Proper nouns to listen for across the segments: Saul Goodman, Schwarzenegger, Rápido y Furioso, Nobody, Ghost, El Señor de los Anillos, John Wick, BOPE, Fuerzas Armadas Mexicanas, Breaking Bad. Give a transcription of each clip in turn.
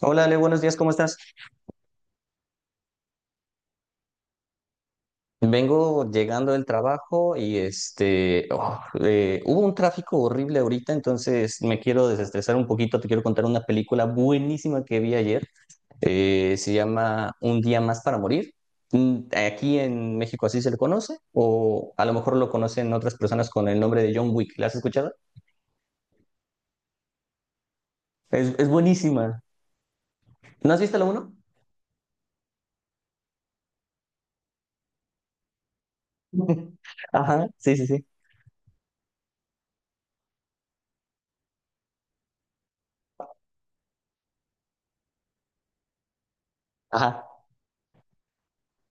Hola Ale, buenos días, ¿cómo estás? Vengo llegando del trabajo y hubo un tráfico horrible ahorita. Entonces me quiero desestresar un poquito, te quiero contar una película buenísima que vi ayer. Se llama Un día más para morir. Mm. Aquí en México así se le conoce, o a lo mejor lo conocen otras personas con el nombre de John Wick, ¿la has escuchado? Es buenísima. ¿No has visto la uno? Ajá, sí, sí, sí. Ajá.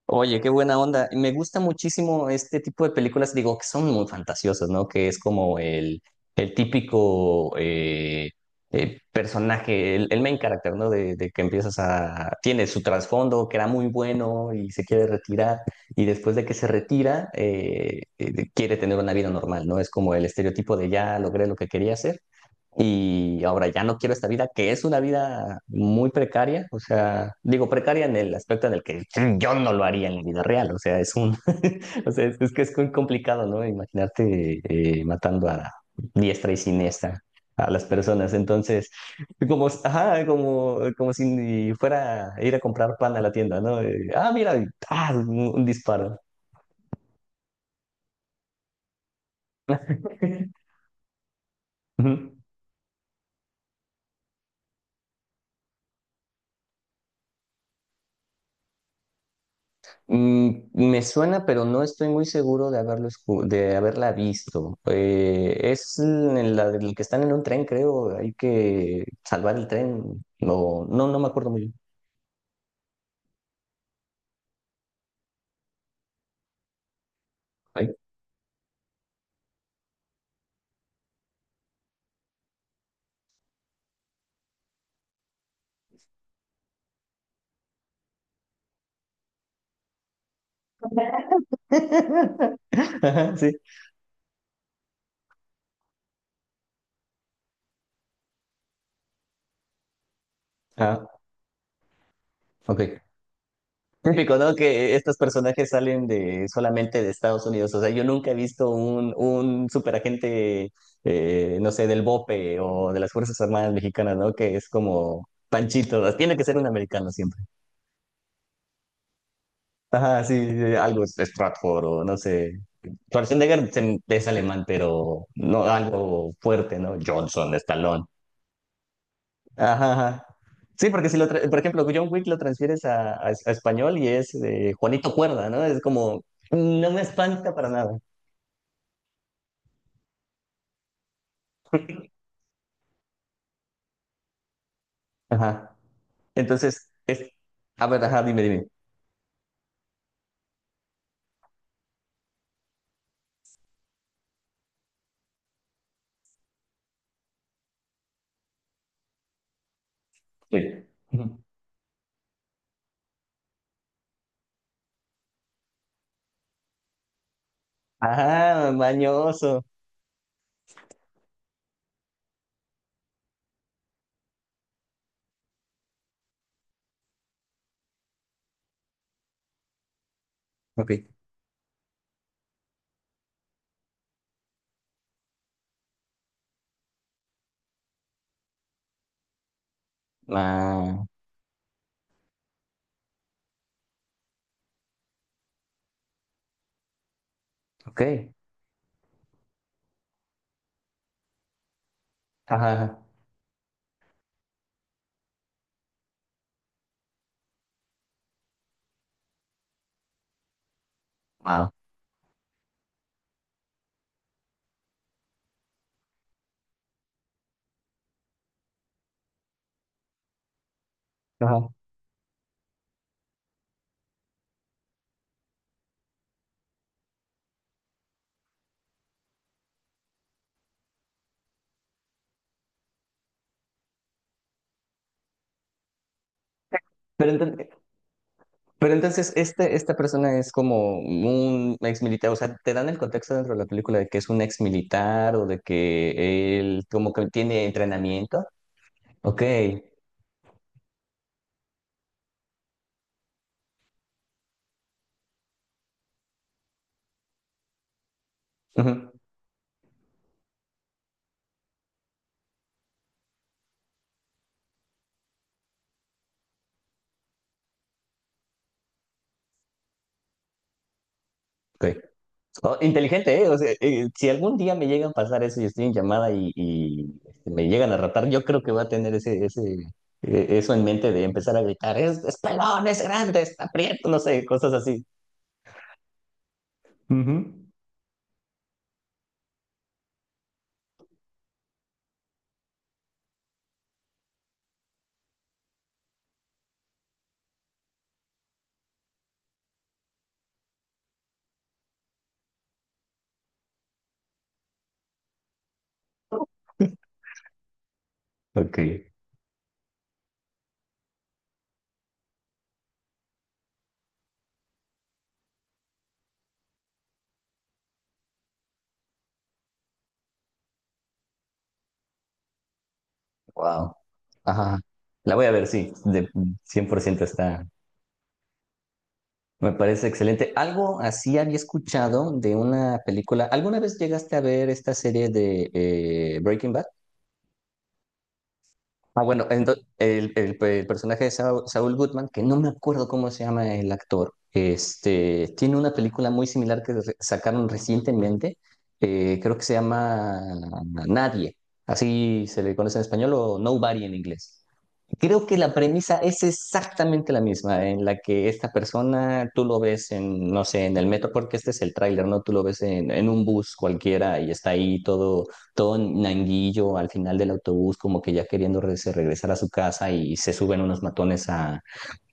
Oye, qué buena onda. Me gusta muchísimo este tipo de películas, digo, que son muy fantasiosas, ¿no? Que es como el típico personaje, el main character, ¿no? De que empiezas a... Tiene su trasfondo, que era muy bueno y se quiere retirar, y después de que se retira, quiere tener una vida normal, ¿no? Es como el estereotipo de ya logré lo que quería hacer y ahora ya no quiero esta vida, que es una vida muy precaria. O sea, digo precaria en el aspecto en el que yo no lo haría en la vida real. O sea, es un, o sea, es que es muy complicado, ¿no? Imaginarte matando a diestra y siniestra a las personas. Entonces, como, ajá, como, como si fuera a ir a comprar pan a la tienda, ¿no? Mira, ah, un disparo. Ujú. Mm, me suena, pero no estoy muy seguro de haberlo, de haberla visto. Es en la del que están en un tren, creo. Hay que salvar el tren. No, no, no me acuerdo muy bien. Ay. Ajá, sí. Ah, ok. Típico, ¿no? Que estos personajes salen de solamente de Estados Unidos. O sea, yo nunca he visto un superagente, no sé, del BOPE o de las Fuerzas Armadas Mexicanas, ¿no? Que es como Panchito. Tiene que ser un americano siempre. Ajá, sí, sí, sí, algo Stratford o no sé. Schwarzenegger es alemán, pero no algo fuerte, ¿no? Johnson, Stallone. Ajá, ajá. Sí, porque si lo, por ejemplo, John Wick lo transfieres a, a español y es Juanito Cuerda, ¿no? Es como, "Mm, no me espanta para nada". Ajá. Entonces, es, a ver, ajá, dime, dime. Sí. Ujú. Ajá, mañoso. Ok. Ah, ok. Ajá, ajá. Wow. Ajá. Pero entonces, Pero entonces, esta persona es como un ex militar. O sea, te dan el contexto dentro de la película de que es un ex militar o de que él como que tiene entrenamiento. Ok. Ujú, ok. Oh, inteligente, ¿eh? O sea, si algún día me llegan a pasar eso y estoy en llamada y, me llegan a ratar, yo creo que voy a tener eso en mente de empezar a gritar, es pelón, es grande, está prieto, no sé, cosas así. Ujú. Ok. Wow. Ajá. La voy a ver, sí, de cien por ciento está. Me parece excelente. Algo así había escuchado de una película. ¿Alguna vez llegaste a ver esta serie de Breaking Bad? Ah, bueno, el personaje de Saul, Saul Goodman, que no me acuerdo cómo se llama el actor, este, tiene una película muy similar que sacaron recientemente. Creo que se llama Nadie. Así se le conoce en español, o Nobody en inglés. Creo que la premisa es exactamente la misma, en la que esta persona, tú lo ves en, no sé, en el metro, porque este es el tráiler, ¿no? Tú lo ves en un bus cualquiera y está ahí todo, todo nanguillo al final del autobús, como que ya queriendo se regresar a su casa, y se suben unos matones a,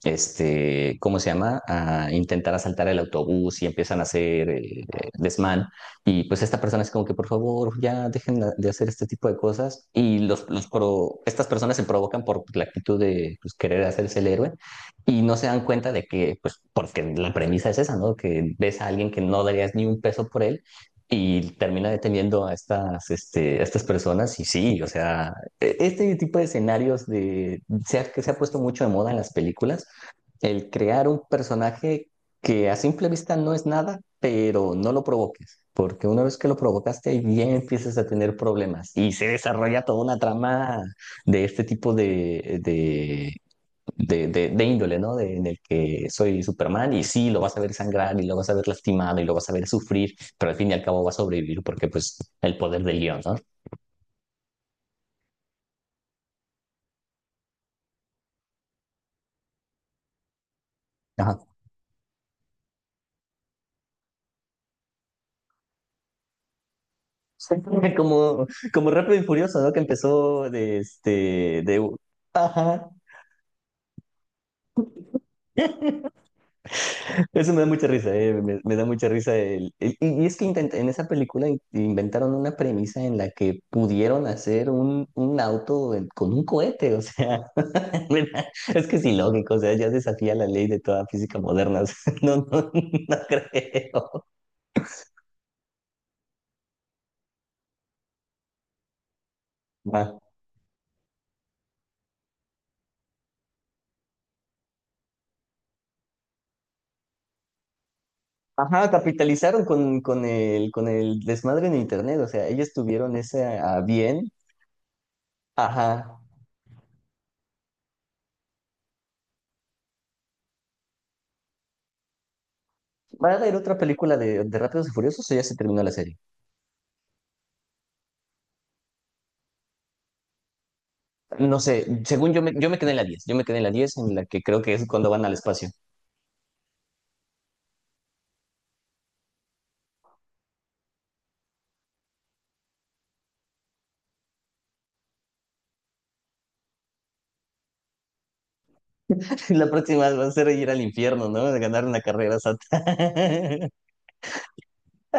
este, ¿cómo se llama? A intentar asaltar el autobús y empiezan a hacer desmán. Y pues esta persona es como que, por favor, ya dejen de hacer este tipo de cosas. Y los, estas personas se provocan por la actitud de, pues, querer hacerse el héroe, y no se dan cuenta de que, pues, porque la premisa es esa, ¿no? Que ves a alguien que no darías ni un peso por él y termina deteniendo a estas, este, a estas personas. Y sí, o sea, este tipo de escenarios de, que se ha puesto mucho de moda en las películas el crear un personaje que a simple vista no es nada, pero no lo provoques, porque una vez que lo provocaste, ahí bien empiezas a tener problemas, y se desarrolla toda una trama de este tipo de índole, ¿no? De- en el que soy Superman, y sí, lo vas a ver sangrar y lo vas a ver lastimado y lo vas a ver sufrir, pero al fin y al cabo va a sobrevivir porque pues el poder del guión, ¿no? Ajá. Como, como Rápido y Furioso, ¿no? Que empezó de este, de... Ajá. Eso me da mucha risa, me da mucha risa. Y, y es que intenta, en esa película inventaron una premisa en la que pudieron hacer un auto con un cohete. O sea, mira, es que es ilógico. O sea, ya desafía la ley de toda física moderna. O sea, no, no, no creo. Ma- Ajá, capitalizaron con el desmadre en internet. O sea, ellos tuvieron ese a bien. Ajá. ¿Va a haber otra película de Rápidos y Furiosos, o ya se terminó la serie? No sé, según yo me quedé en la diez, yo me quedé en la diez, en la que creo que es cuando van al espacio. La próxima va a ser ir al infierno, ¿no? De ganar una carrera santa.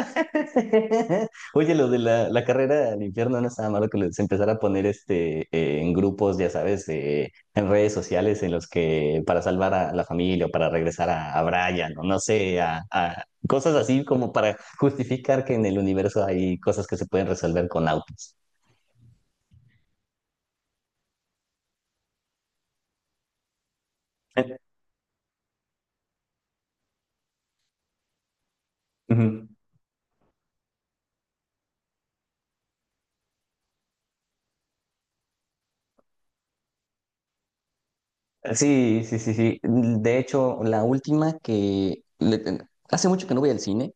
Oye, lo de la, la carrera al infierno no estaba malo que les empezara a poner este, en grupos, ya sabes, de- en redes sociales, en los que para salvar a la familia o para regresar a Brian o no sé, a cosas así, como para justificar que en el universo hay cosas que se pueden resolver con autos. Ujú. Sí, sí, sí, sí. De hecho, la última que... Hace mucho que no voy al cine,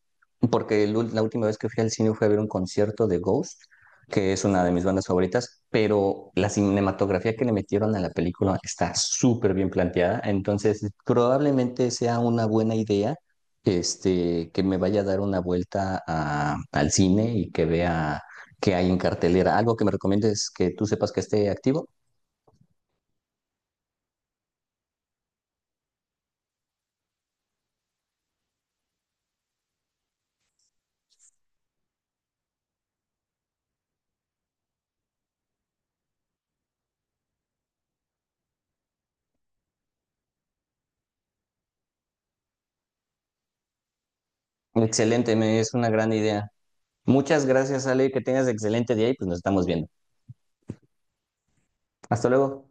porque la última vez que fui al cine fue a ver un concierto de Ghost, que es una de mis bandas favoritas, pero la cinematografía que le metieron a la película está súper bien planteada. Entonces probablemente sea una buena idea este, que me vaya a dar una vuelta al cine y que vea qué hay en cartelera. ¿Algo que me recomiendes que tú sepas que esté activo? Excelente, me es una gran idea. Muchas gracias, Ale, que tengas excelente día y pues nos estamos viendo. Hasta luego.